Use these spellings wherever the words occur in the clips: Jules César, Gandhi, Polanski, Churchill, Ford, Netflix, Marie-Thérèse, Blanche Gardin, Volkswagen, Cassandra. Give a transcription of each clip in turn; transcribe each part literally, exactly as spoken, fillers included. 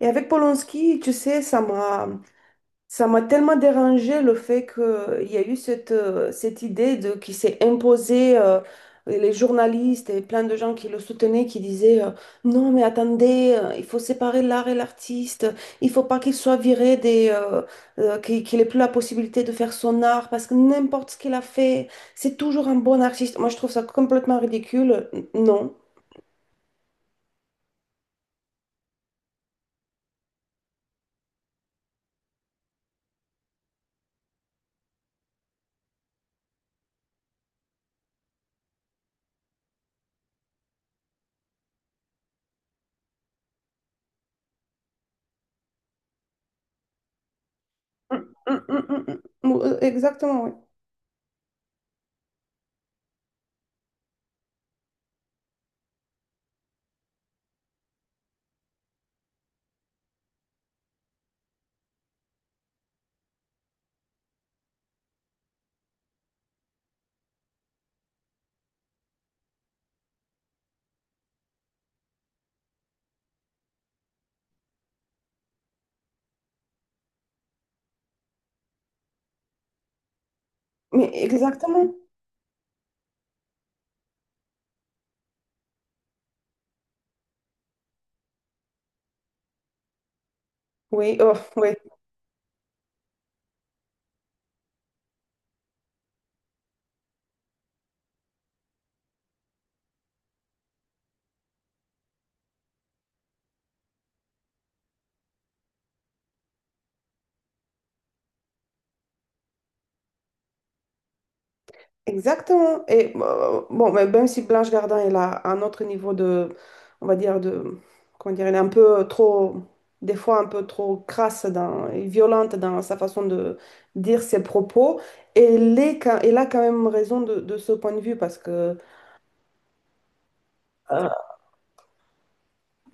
Et avec Polanski, tu sais, ça m'a ça m'a tellement dérangé le fait qu'il y a eu cette, euh, cette idée de, qui s'est imposée, euh, les journalistes et plein de gens qui le soutenaient, qui disaient euh, non, mais attendez, euh, il faut séparer l'art et l'artiste, il faut pas qu'il soit viré des, euh, euh, qu'il qu'il ait plus la possibilité de faire son art parce que n'importe ce qu'il a fait, c'est toujours un bon artiste. Moi, je trouve ça complètement ridicule. Non. Mm, mm, mm, mm, mm. Exactement, oui. Mais exactement. Oui, oh, oui, exactement. Et euh, bon, mais même si Blanche Gardin est là, un autre niveau de, on va dire, de, comment dire, elle est un peu trop, des fois un peu trop crasse dans, et violente dans sa façon de dire ses propos. Et elle est, quand- elle a quand même raison de, de ce point de vue parce que euh,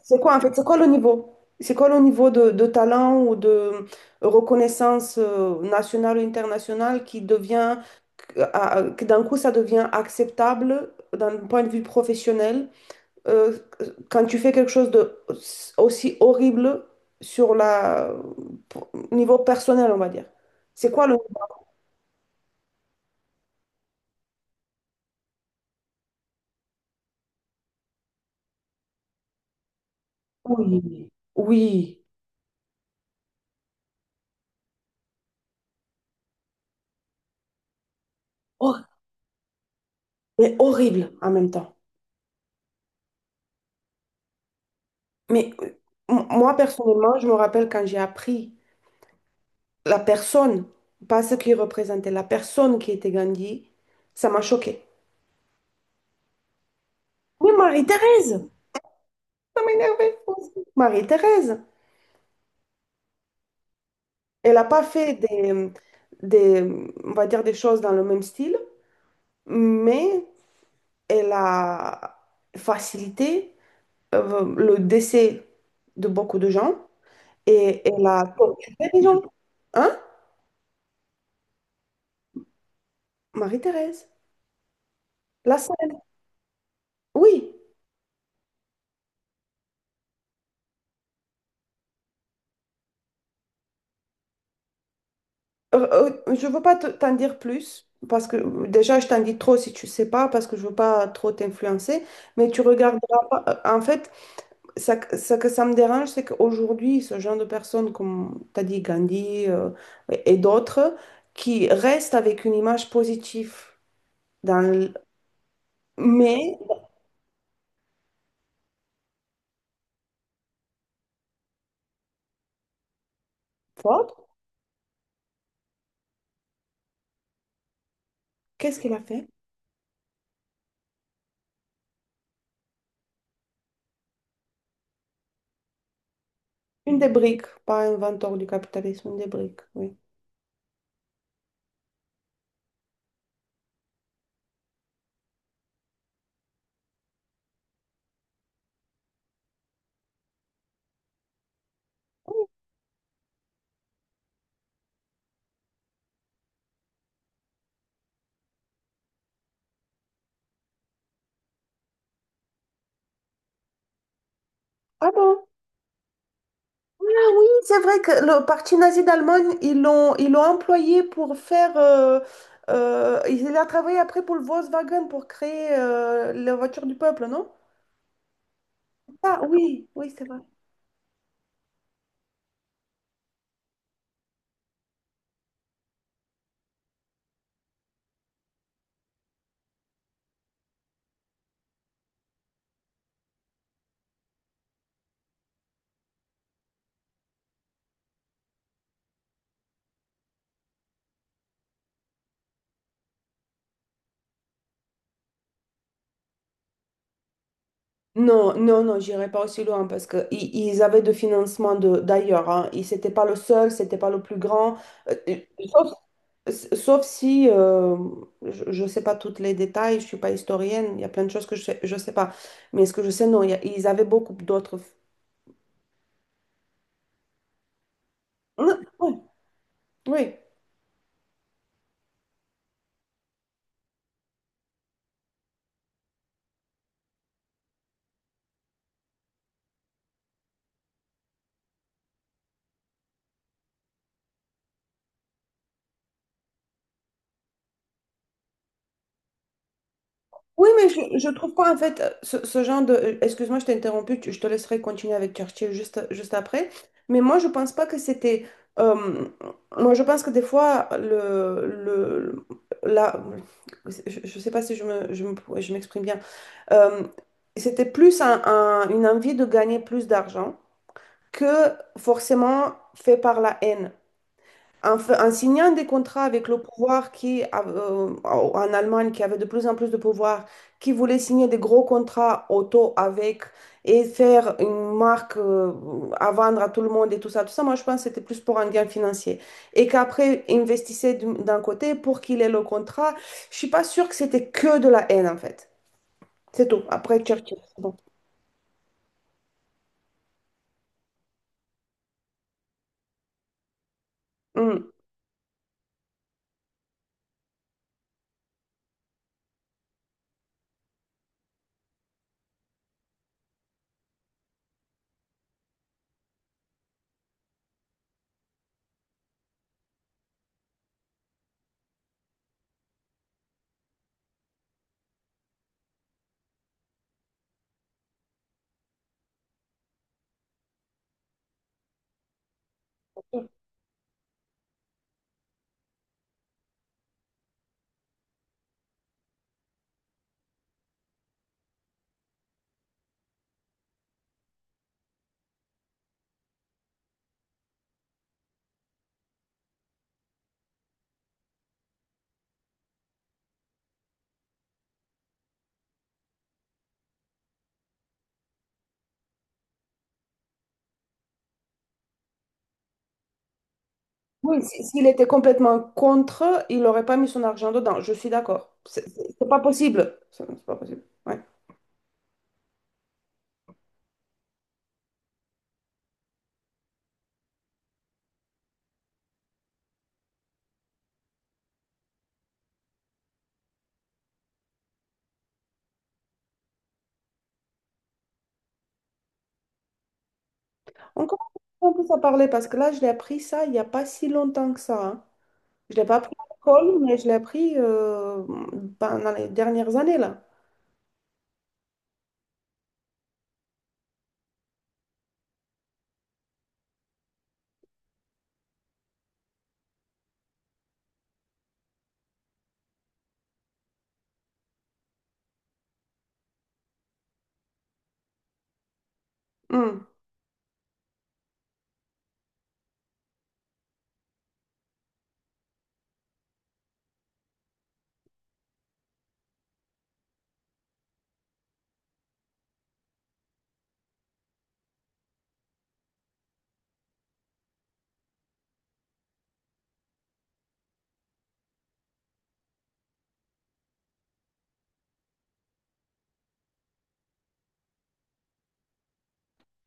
c'est quoi en fait, c'est quoi le niveau? C'est quoi le niveau de, de talent ou de reconnaissance euh, nationale ou internationale qui devient que à- que d'un coup ça devient acceptable d'un point de vue professionnel euh, quand tu fais quelque chose de aussi horrible sur la pour- niveau personnel, on va dire. C'est quoi le... Oui, oui. Hor- mais horrible en même temps. Mais euh, m- moi, personnellement, je me rappelle quand j'ai appris la personne, pas ce qu'il représentait, la personne qui était Gandhi, ça m'a choquée. Mais Marie-Thérèse, ça m'énervait. Marie-Thérèse. Elle n'a pas fait des, des, on va dire des choses dans le même style, mais elle a facilité euh, le décès de beaucoup de gens et elle a torturé des gens. Hein? Marie-Thérèse, la scène. Oui. Euh, euh, je ne veux pas te- t'en dire plus parce que euh, déjà je t'en dis trop si tu sais pas parce que je veux pas trop t'influencer, mais tu regarderas pas. euh, En fait, ça, que- ce que ça me dérange, c'est qu'aujourd'hui, ce genre de personnes, comme tu as dit, Gandhi euh, et et d'autres, qui restent avec une image positive dans le- Mais, Ford, qu'est-ce qu'il a fait? Une des briques, pas inventeur du capitalisme, une des briques, oui. Ah bon? Ah oui, c'est vrai que le parti nazi d'Allemagne, ils l'ont ils l'ont employé pour faire... euh, euh, il a travaillé après pour le Volkswagen pour créer euh, la voiture du peuple, non? Ah oui, oui, c'est vrai. Non, non, non, j'irai pas aussi loin parce que i- ils avaient de financement de d'ailleurs. Hein. Ils c'était pas le seul, c'était pas le plus grand. Euh, euh, sauf, s- sauf si euh, je ne sais pas tous les détails, je suis pas historienne. Il y a plein de choses que je sais, je sais pas. Mais ce que je sais, non, il y a- ils avaient beaucoup d'autres. Non, oui, oui. Oui, mais je, je trouve qu'en fait, euh, ce, ce genre de... euh, excuse-moi, je t'ai interrompu, tu- je te laisserai continuer avec Churchill juste, juste après. Mais moi, je pense pas que c'était... euh, moi, je pense que des fois, le... le la, je je sais pas si je me, je me- je m'exprime bien. Euh, c'était plus un- un- une envie de gagner plus d'argent que forcément fait par la haine. En, fa- en signant des contrats avec le pouvoir qui, euh, en Allemagne, qui avait de plus en plus de pouvoir, qui voulait signer des gros contrats auto avec et faire une marque euh, à vendre à tout le monde et tout ça, tout ça, moi je pense que c'était plus pour un gain financier. Et qu'après, investissait d'un d'un côté pour qu'il ait le contrat. Je suis pas sûre que c'était que de la haine en fait. C'est tout. Après Churchill, c'est bon. Mm. Oui, si- s'il était complètement contre, il n'aurait pas mis son argent dedans. Je suis d'accord. C'est c'est- c'est pas possible. C'est c'est pas possible. Ouais. On commence un peu à parler parce que là, je l'ai appris ça il n'y a pas si longtemps que ça. Hein. Je ne l'ai pas appris à l'école, mais je l'ai appris euh, ben, dans les dernières années, là. Hmm.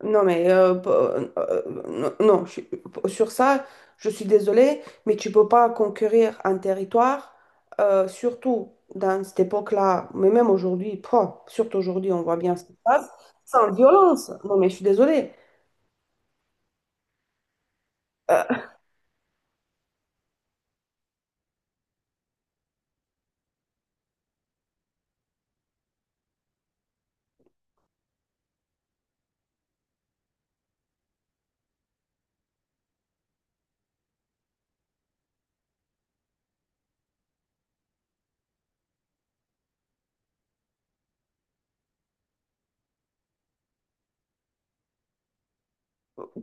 Non, mais euh, p- euh, euh, non, non, je- p- sur ça, je suis désolée, mais tu peux pas conquérir un territoire, euh, surtout dans cette époque-là, mais même aujourd'hui, pouah, surtout aujourd'hui, on voit bien ce qui se passe, sans violence. Non, mais je suis désolée. Euh,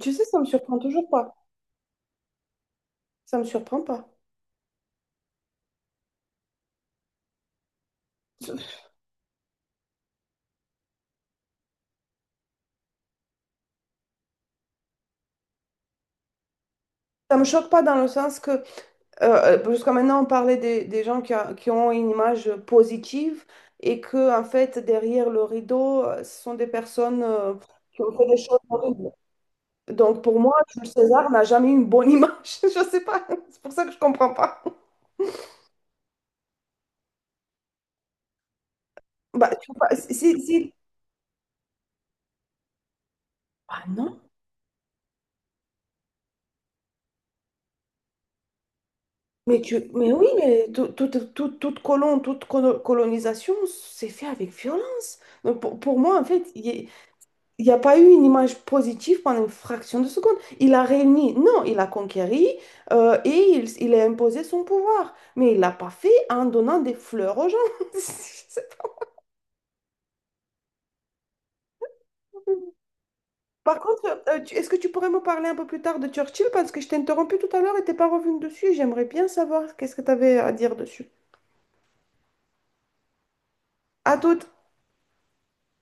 tu sais, ça me surprend toujours pas. Ça me surprend pas. Ça me choque pas dans le sens que Euh, euh, jusqu'à maintenant, on parlait des, des gens qui, a- qui ont une image positive et que, en fait, derrière le rideau, euh, ce sont des personnes euh, qui ont fait des choses horribles. Donc, pour moi, Jules César n'a jamais eu une bonne image. Je ne sais pas. C'est pour ça que je ne comprends pas. Bah, tu vois, si, si- si- ah non, mais, tu, mais oui, mais tout- tout- tout- toute colon, toute colo- colonisation, c'est fait avec violence. Donc, pour, pour moi, en fait, il y a- il n'y a pas eu une image positive pendant une fraction de seconde. Il a réuni, non, il a conquéri euh, et il, il a imposé son pouvoir. Mais il l'a pas fait en donnant des fleurs aux gens. C'est- pas possible. Par contre, euh, tu- est-ce que tu pourrais me parler un peu plus tard de Churchill? Parce que je t'ai interrompu tout à l'heure et t'es pas revenu dessus. J'aimerais bien savoir qu'est-ce que tu avais à dire dessus. À toute.